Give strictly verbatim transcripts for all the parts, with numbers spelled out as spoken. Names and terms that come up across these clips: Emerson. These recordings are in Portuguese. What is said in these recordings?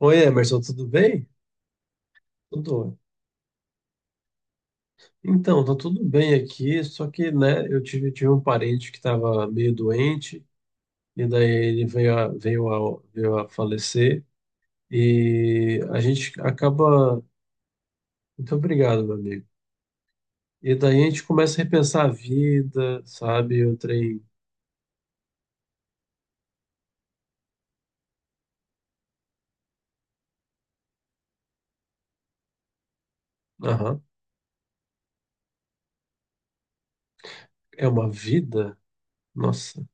Oi, Emerson, tudo bem? Tudo. Então, tá tudo bem aqui, só que, né, eu tive, tive um parente que estava meio doente, e daí ele veio a, veio a, veio a falecer, e a gente acaba. Muito obrigado, meu amigo. E daí a gente começa a repensar a vida, sabe? O trem. Aham. É uma vida? Nossa.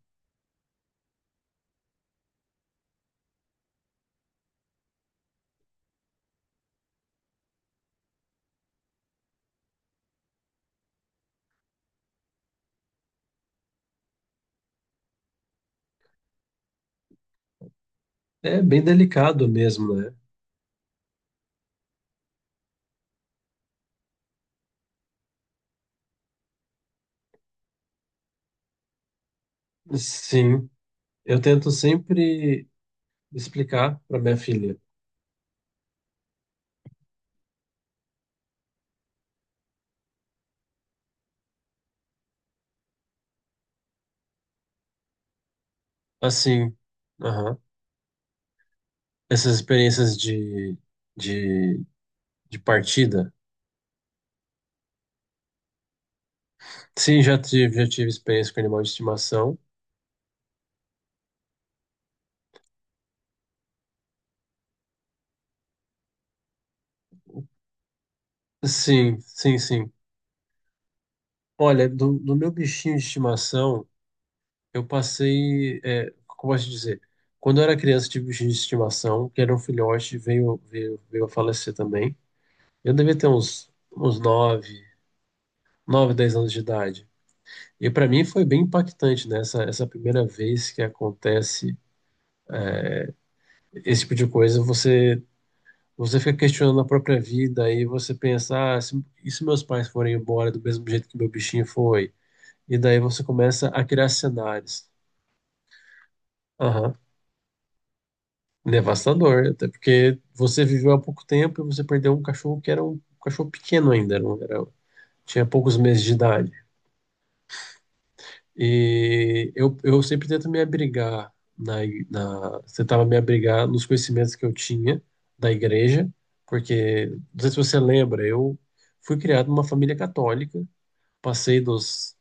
É bem delicado mesmo, né? Sim. Eu tento sempre explicar para minha filha. Assim. Essas experiências de, de, de partida. Sim, já tive, já tive experiência com animal de estimação. Sim, sim, sim. Olha, do, do meu bichinho de estimação, eu passei, é, como posso dizer? Quando eu era criança, tive bichinho de estimação, que era um filhote, veio, veio, veio a falecer também. Eu devia ter uns, uns nove, nove dez anos de idade. E para mim foi bem impactante, né? Essa, essa primeira vez que acontece esse tipo de coisa, você você fica questionando a própria vida, aí você pensa: ah, se, e se meus pais forem embora do mesmo jeito que meu bichinho foi? E daí você começa a criar cenários. Aham. Devastador, até porque você viveu há pouco tempo e você perdeu um cachorro que era um, cachorro pequeno ainda, era, um- era- tinha poucos meses de idade. E eu, eu sempre tento me abrigar na, na, tentava me abrigar nos conhecimentos que eu tinha da igreja, porque, não sei se você lembra, eu fui criado numa família católica, passei dos,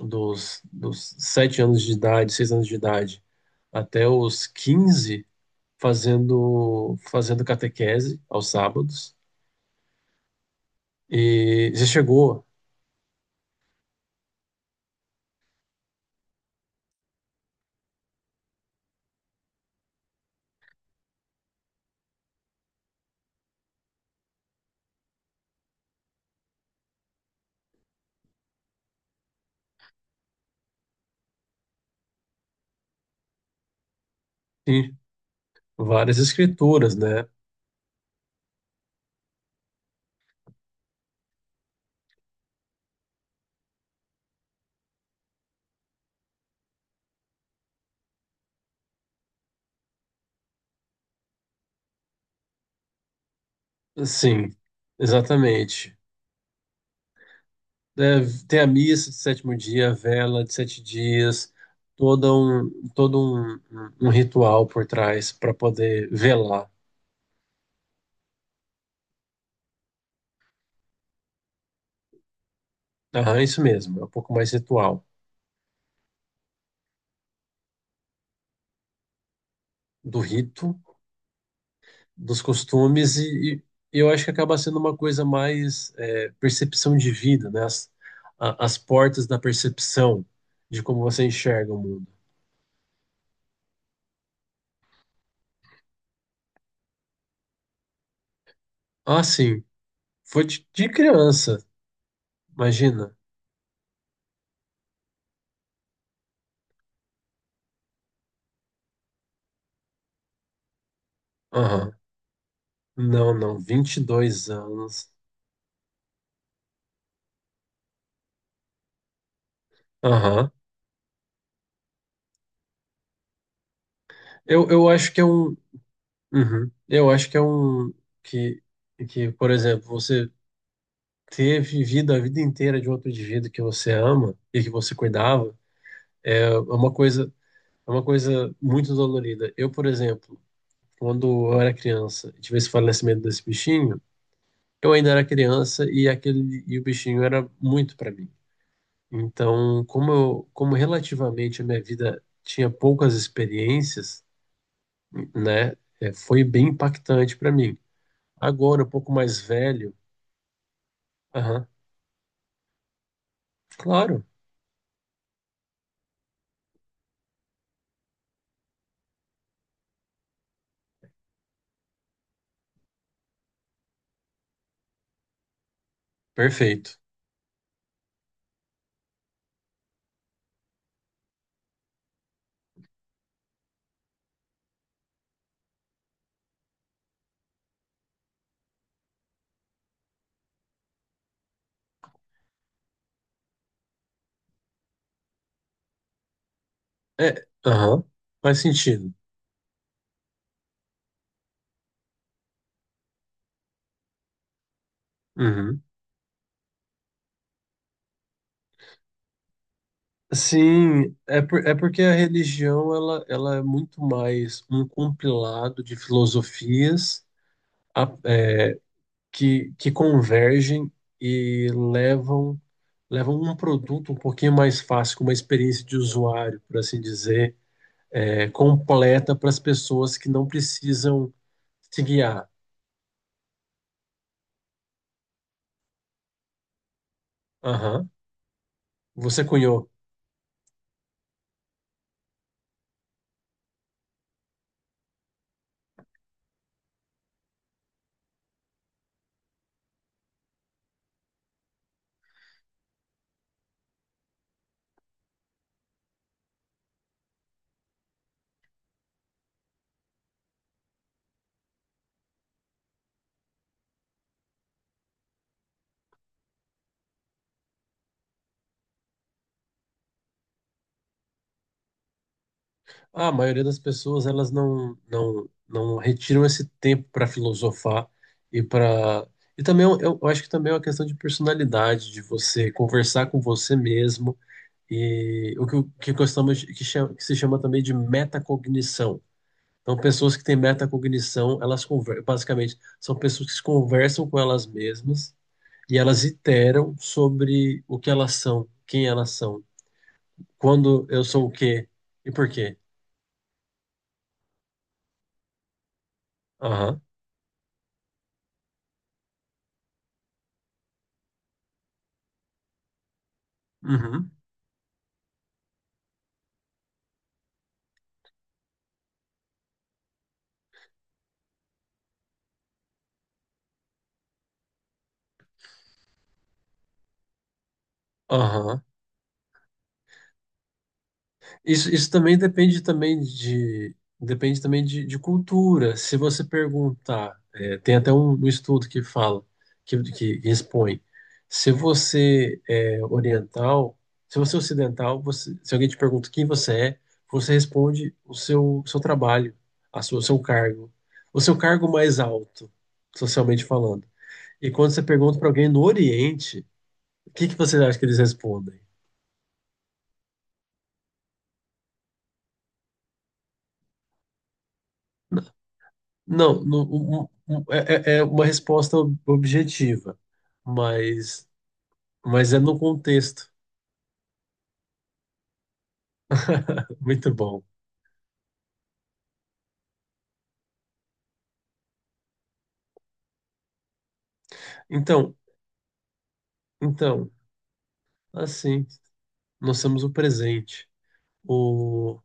dos, dos sete anos de idade, seis anos de idade, até os quinze fazendo, fazendo catequese aos sábados. E já chegou, sim, várias escrituras, né? Sim, exatamente. É, tem a missa de sétimo dia, a vela de sete dias, todo um, todo um, um um ritual por trás para poder velar. Aham, isso mesmo, é um pouco mais ritual. Do rito, dos costumes, e, e eu acho que acaba sendo uma coisa mais, é, percepção de vida, né? As, a- as portas da percepção, de como você enxerga o mundo. Ah, sim, foi de, de criança, imagina. Aham. Não, não, vinte e dois anos. Aham. Eu, eu acho que é um. Uhum. Eu acho que é um. Que, que, por exemplo, você ter vivido a vida inteira de um outro indivíduo que você ama e que você cuidava, é, é uma coisa é uma coisa muito dolorida. Eu, por exemplo, quando eu era criança e tive esse falecimento desse bichinho, eu ainda era criança e aquele e o bichinho era muito para mim. Então, como eu, como relativamente a minha vida tinha poucas experiências, né, é, foi bem impactante para mim. Agora, um pouco mais velho, aham, claro, perfeito. É, aham, faz sentido. Uhum. Sim, é, por, é porque a religião, ela, ela é muito mais um compilado de filosofias, a- é, que, que convergem e levam, levam um produto um pouquinho mais fácil, com uma experiência de usuário, por assim dizer, é, completa para as pessoas que não precisam se guiar. Aham, você cunhou. Ah, a maioria das pessoas, elas não não não retiram esse tempo para filosofar e para, e também eu, eu acho que também é uma questão de personalidade, de você conversar com você mesmo e o que, que gostamos, que chama, que se chama também de metacognição. Então, pessoas que têm metacognição, elas conver-, basicamente são pessoas que se conversam com elas mesmas e elas iteram sobre o que elas são, quem elas são, quando eu sou o quê e por quê. Aham. Uhum. Aham. Isso, isso também depende, também de depende também de, de cultura. Se você perguntar, é, tem até um, um estudo que fala, que, que expõe, se você é oriental, se você é ocidental, você, se alguém te pergunta quem você é, você responde o seu, seu trabalho, a sua, o seu cargo, o seu cargo mais alto, socialmente falando. E quando você pergunta para alguém no Oriente, o que que você acha que eles respondem? Não, no- um- um- um, é, é- é uma resposta ob- objetiva, mas, mas é no contexto. Muito bom. Então, então, assim, nós temos o presente. O,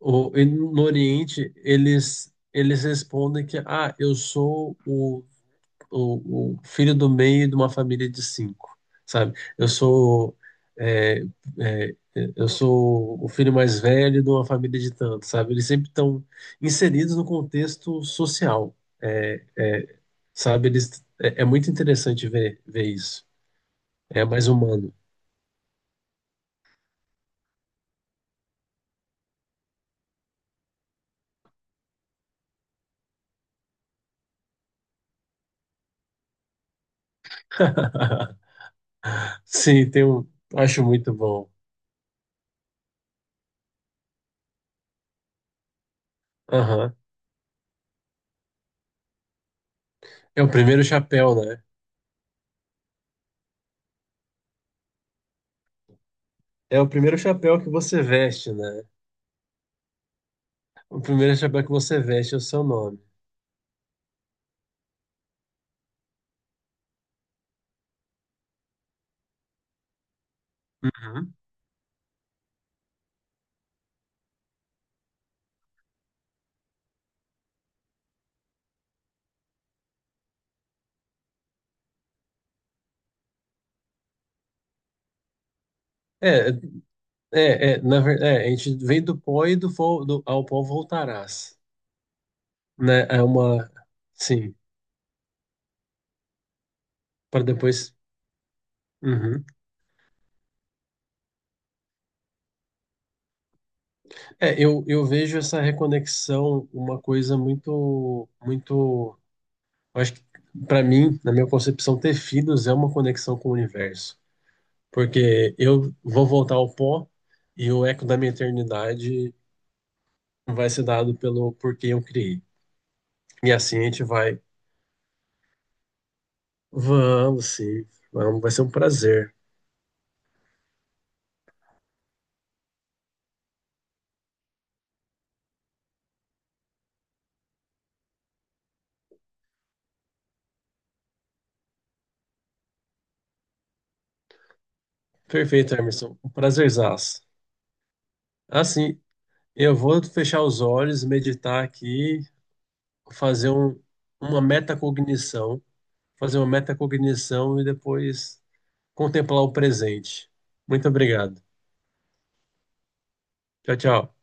o, e no Oriente, eles, eles respondem que: ah, eu sou o o, o filho do meio de uma família de cinco, sabe? Eu sou, é, é, eu sou o filho mais velho de uma família de tantos, sabe? Eles sempre estão inseridos no contexto social, é, sabe? Eles, é, é muito interessante ver ver isso. É mais humano. Sim, tem um, acho muito bom. Aham. É o primeiro chapéu, né? É o primeiro chapéu que você veste, né? O primeiro chapéu que você veste é o seu nome. Uhum. É. É, é, na verdade, a gente vem do pó e do, vo- do- ao pó voltarás, né? É uma, sim, para depois. Uhum. É, eu, eu vejo essa reconexão uma coisa muito, muito. Eu acho que para mim, na minha concepção, ter filhos é uma conexão com o universo, porque eu vou voltar ao pó e o eco da minha eternidade vai ser dado pelo por quem eu criei. E assim a gente vai. Vamos, sim, vamos, vai ser um prazer. Perfeito, Emerson. Um prazerzaço. Assim, eu vou fechar os olhos, meditar aqui, fazer um, uma metacognição, fazer uma metacognição e depois contemplar o presente. Muito obrigado. Tchau, tchau.